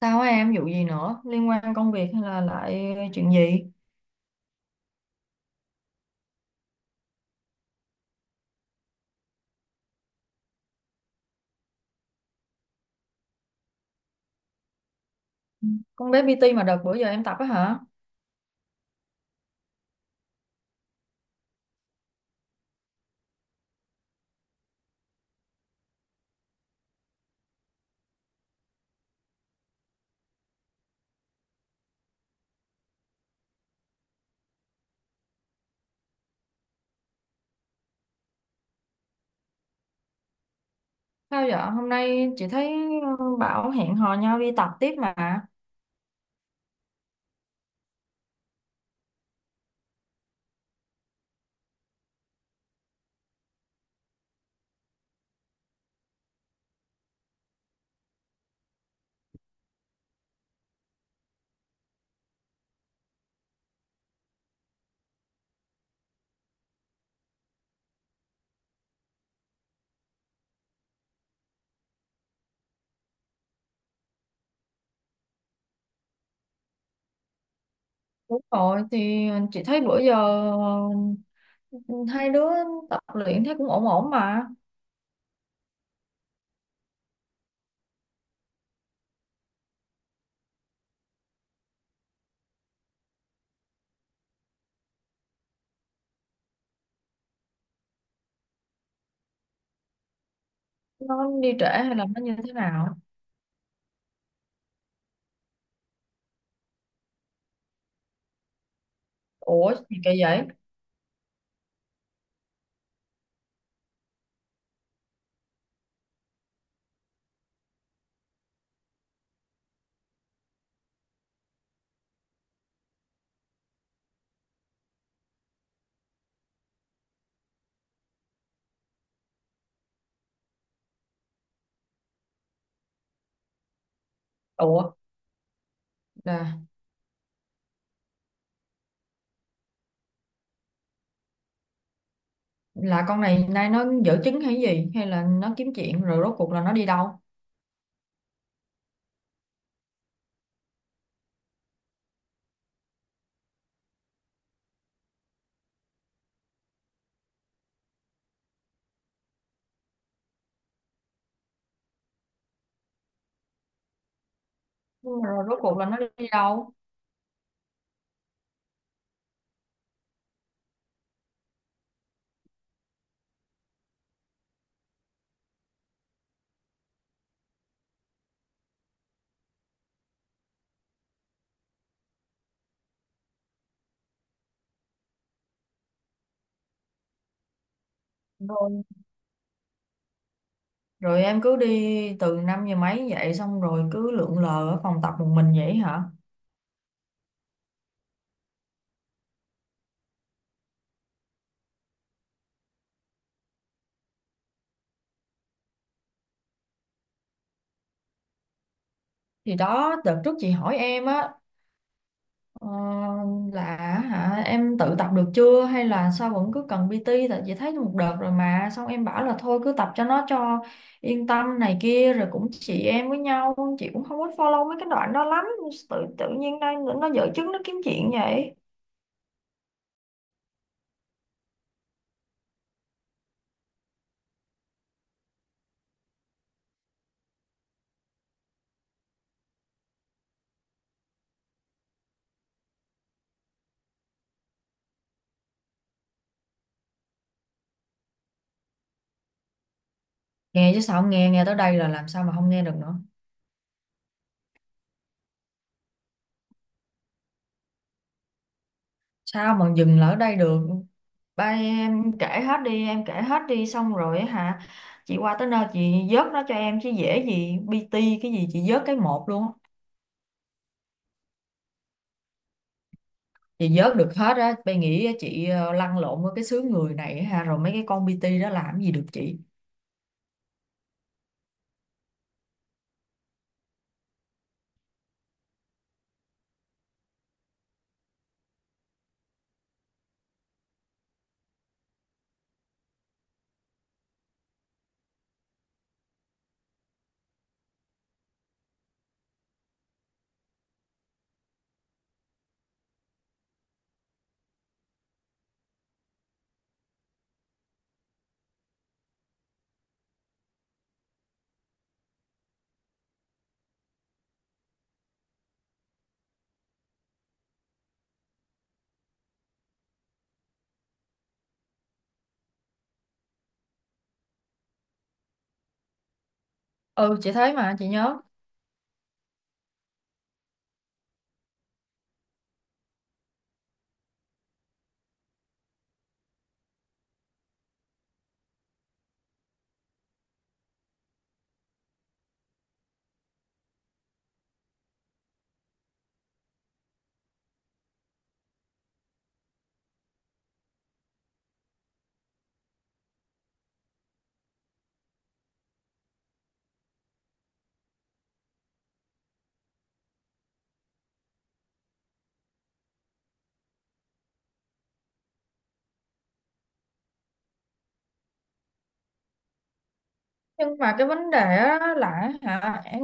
Sao á em vụ gì nữa? Liên quan công việc hay là lại chuyện gì? Con bé PT mà đợt bữa giờ em tập á hả? Sao vậy? Hôm nay chị thấy bảo hẹn hò nhau đi tập tiếp mà. Đúng rồi, thì chị thấy bữa giờ ờ, hai đứa tập luyện thấy cũng ổn ổn mà. Nó đi trễ hay là nó như thế nào? Ủa, gì kỳ vậy? Ủa, là, là con này nay nó dở chứng hay gì? Hay là nó kiếm chuyện rồi rốt cuộc là nó đi đâu? Nhưng mà rồi rốt cuộc là nó đi đâu? Rồi Rồi em cứ đi từ 5 giờ mấy vậy, xong rồi cứ lượn lờ ở phòng tập một mình vậy hả? Thì đó, đợt trước chị hỏi em á, ờ, là hả em tự tập được chưa hay là sao vẫn cứ cần PT, tại chị thấy một đợt rồi mà, xong em bảo là thôi cứ tập cho nó cho yên tâm này kia, rồi cũng chị em với nhau, chị cũng không có follow mấy cái đoạn đó lắm, tự tự nhiên đây nó dở chứng nó kiếm chuyện vậy. Nghe chứ sao không nghe. Nghe tới đây là làm sao mà không nghe được nữa. Sao mà dừng lại ở đây được? Ba em kể hết đi, em kể hết đi xong rồi á hả? Chị qua tới nơi chị vớt nó cho em chứ dễ gì PT, cái gì chị vớt cái một luôn á. Chị vớt được hết á, bay nghĩ chị lăn lộn với cái xứ người này ha, rồi mấy cái con PT đó làm gì được chị. Ừ, chị thấy mà chị nhớ. Nhưng mà cái vấn đề á là hả em,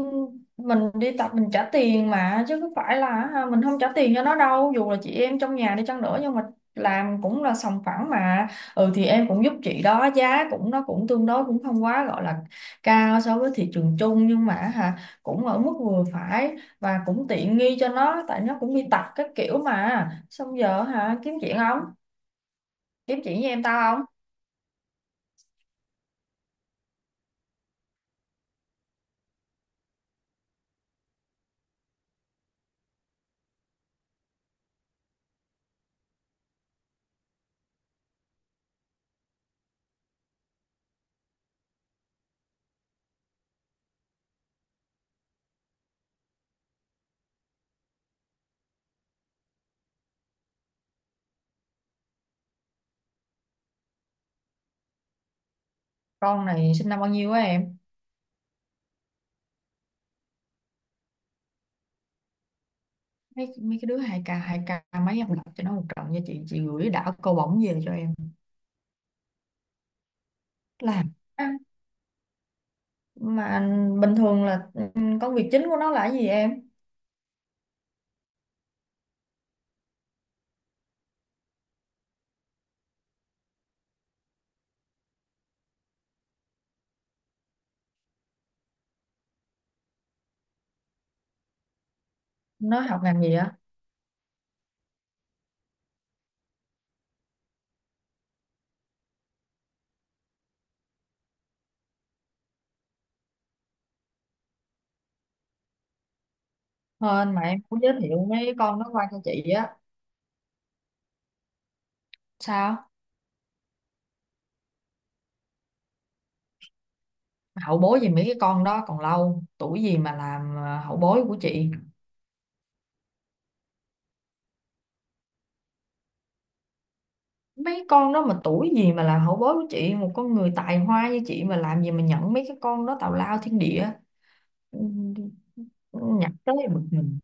mình đi tập mình trả tiền mà, chứ không phải là hả, mình không trả tiền cho nó đâu, dù là chị em trong nhà đi chăng nữa nhưng mà làm cũng là sòng phẳng mà. Ừ thì em cũng giúp chị đó, giá cũng nó cũng tương đối, cũng không quá gọi là cao so với thị trường chung, nhưng mà hả cũng ở mức vừa phải và cũng tiện nghi cho nó, tại nó cũng đi tập các kiểu mà, xong giờ hả kiếm chuyện không, kiếm chuyện với em tao không? Con này sinh năm bao nhiêu á em? Mấy mấy cái đứa 2K 2K mấy, em đọc cho nó một trận nha, chị gửi đảo câu bổng về cho em làm ăn. Mà bình thường là công việc chính của nó là cái gì em? Nó học ngành gì á? Hơn mà em cũng giới thiệu mấy con nó qua cho chị á? Sao? Hậu bối gì, mấy cái con đó còn lâu tuổi gì mà làm hậu bối của chị. Mấy con đó mà tuổi gì mà làm hậu bối của chị, một con người tài hoa như chị mà làm gì mà nhận mấy cái con đó tào lao thiên địa. Ừ, nhặt tới bực mình.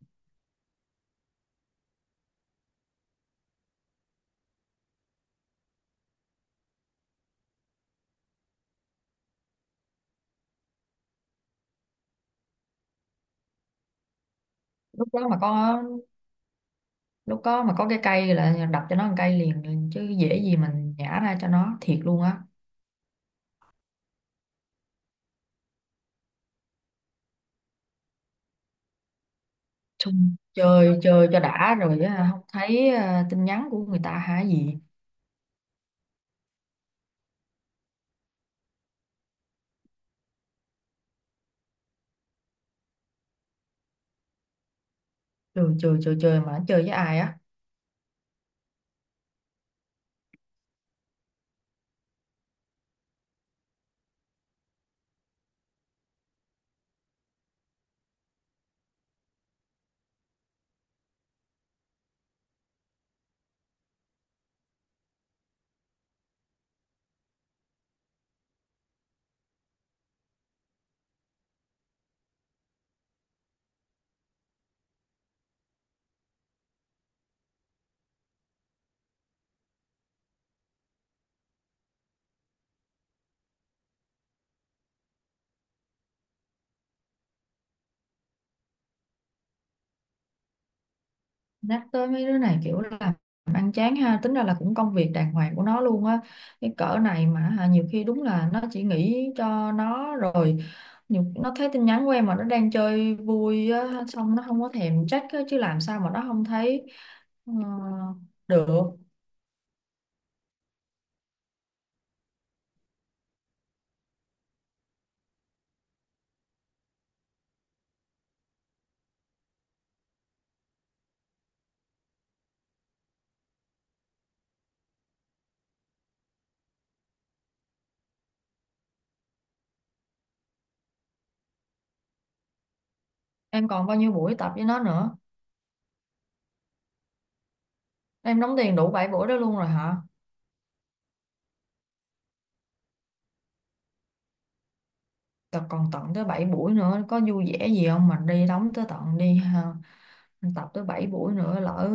Lúc đó mà con, lúc có mà có cái cây là đập cho nó một cây liền, chứ dễ gì mình nhả ra cho nó thiệt luôn á. Chung chơi chơi cho đã rồi á, không thấy tin nhắn của người ta hả gì. Chơi chơi chơi chơi mà nó chơi với ai á? Nhắc tới mấy đứa này kiểu là ăn chán ha, tính ra là cũng công việc đàng hoàng của nó luôn á. Cái cỡ này mà hả, nhiều khi đúng là nó chỉ nghĩ cho nó rồi nhiều, nó thấy tin nhắn của em mà nó đang chơi vui á, xong nó không có thèm check á, chứ làm sao mà nó không thấy ờ, được. Em còn bao nhiêu buổi tập với nó nữa? Em đóng tiền đủ 7 buổi đó luôn rồi hả? Tập còn tận tới 7 buổi nữa, có vui vẻ gì không mà đi đóng tới tận đi ha. Tập tới 7 buổi nữa, lỡ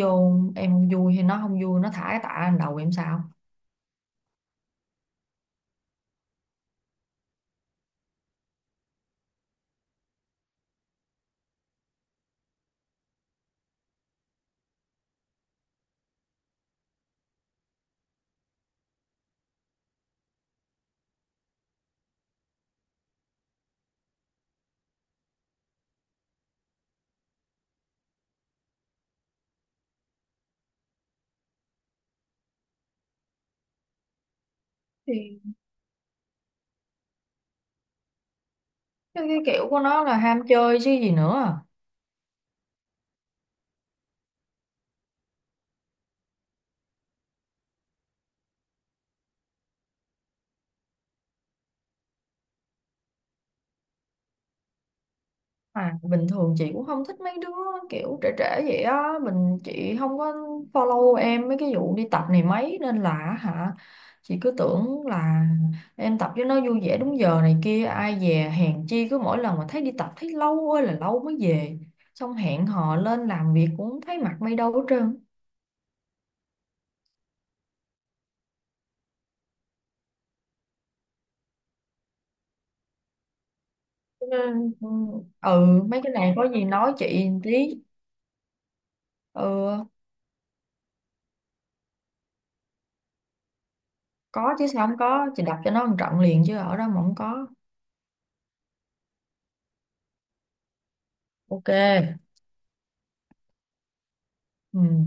vô em không vui hay nó không vui nó thả cái tạ lên đầu em sao? Thì cái kiểu của nó là ham chơi chứ gì nữa. À, bình thường chị cũng không thích mấy đứa kiểu trẻ trẻ vậy á, mình chị không có follow em mấy cái vụ đi tập này mấy, nên là hả chị cứ tưởng là em tập cho nó vui vẻ đúng giờ này kia, ai dè hèn chi cứ mỗi lần mà thấy đi tập thấy lâu ơi là lâu mới về, xong hẹn hò lên làm việc cũng thấy mặt mày đâu hết trơn. Ừ. Ừ, ừ, mấy cái này có gì nói chị một tí. Ừ, có chứ sao không có, chị đập cho nó một trận liền chứ ở đó mà không có. OK. Ừ.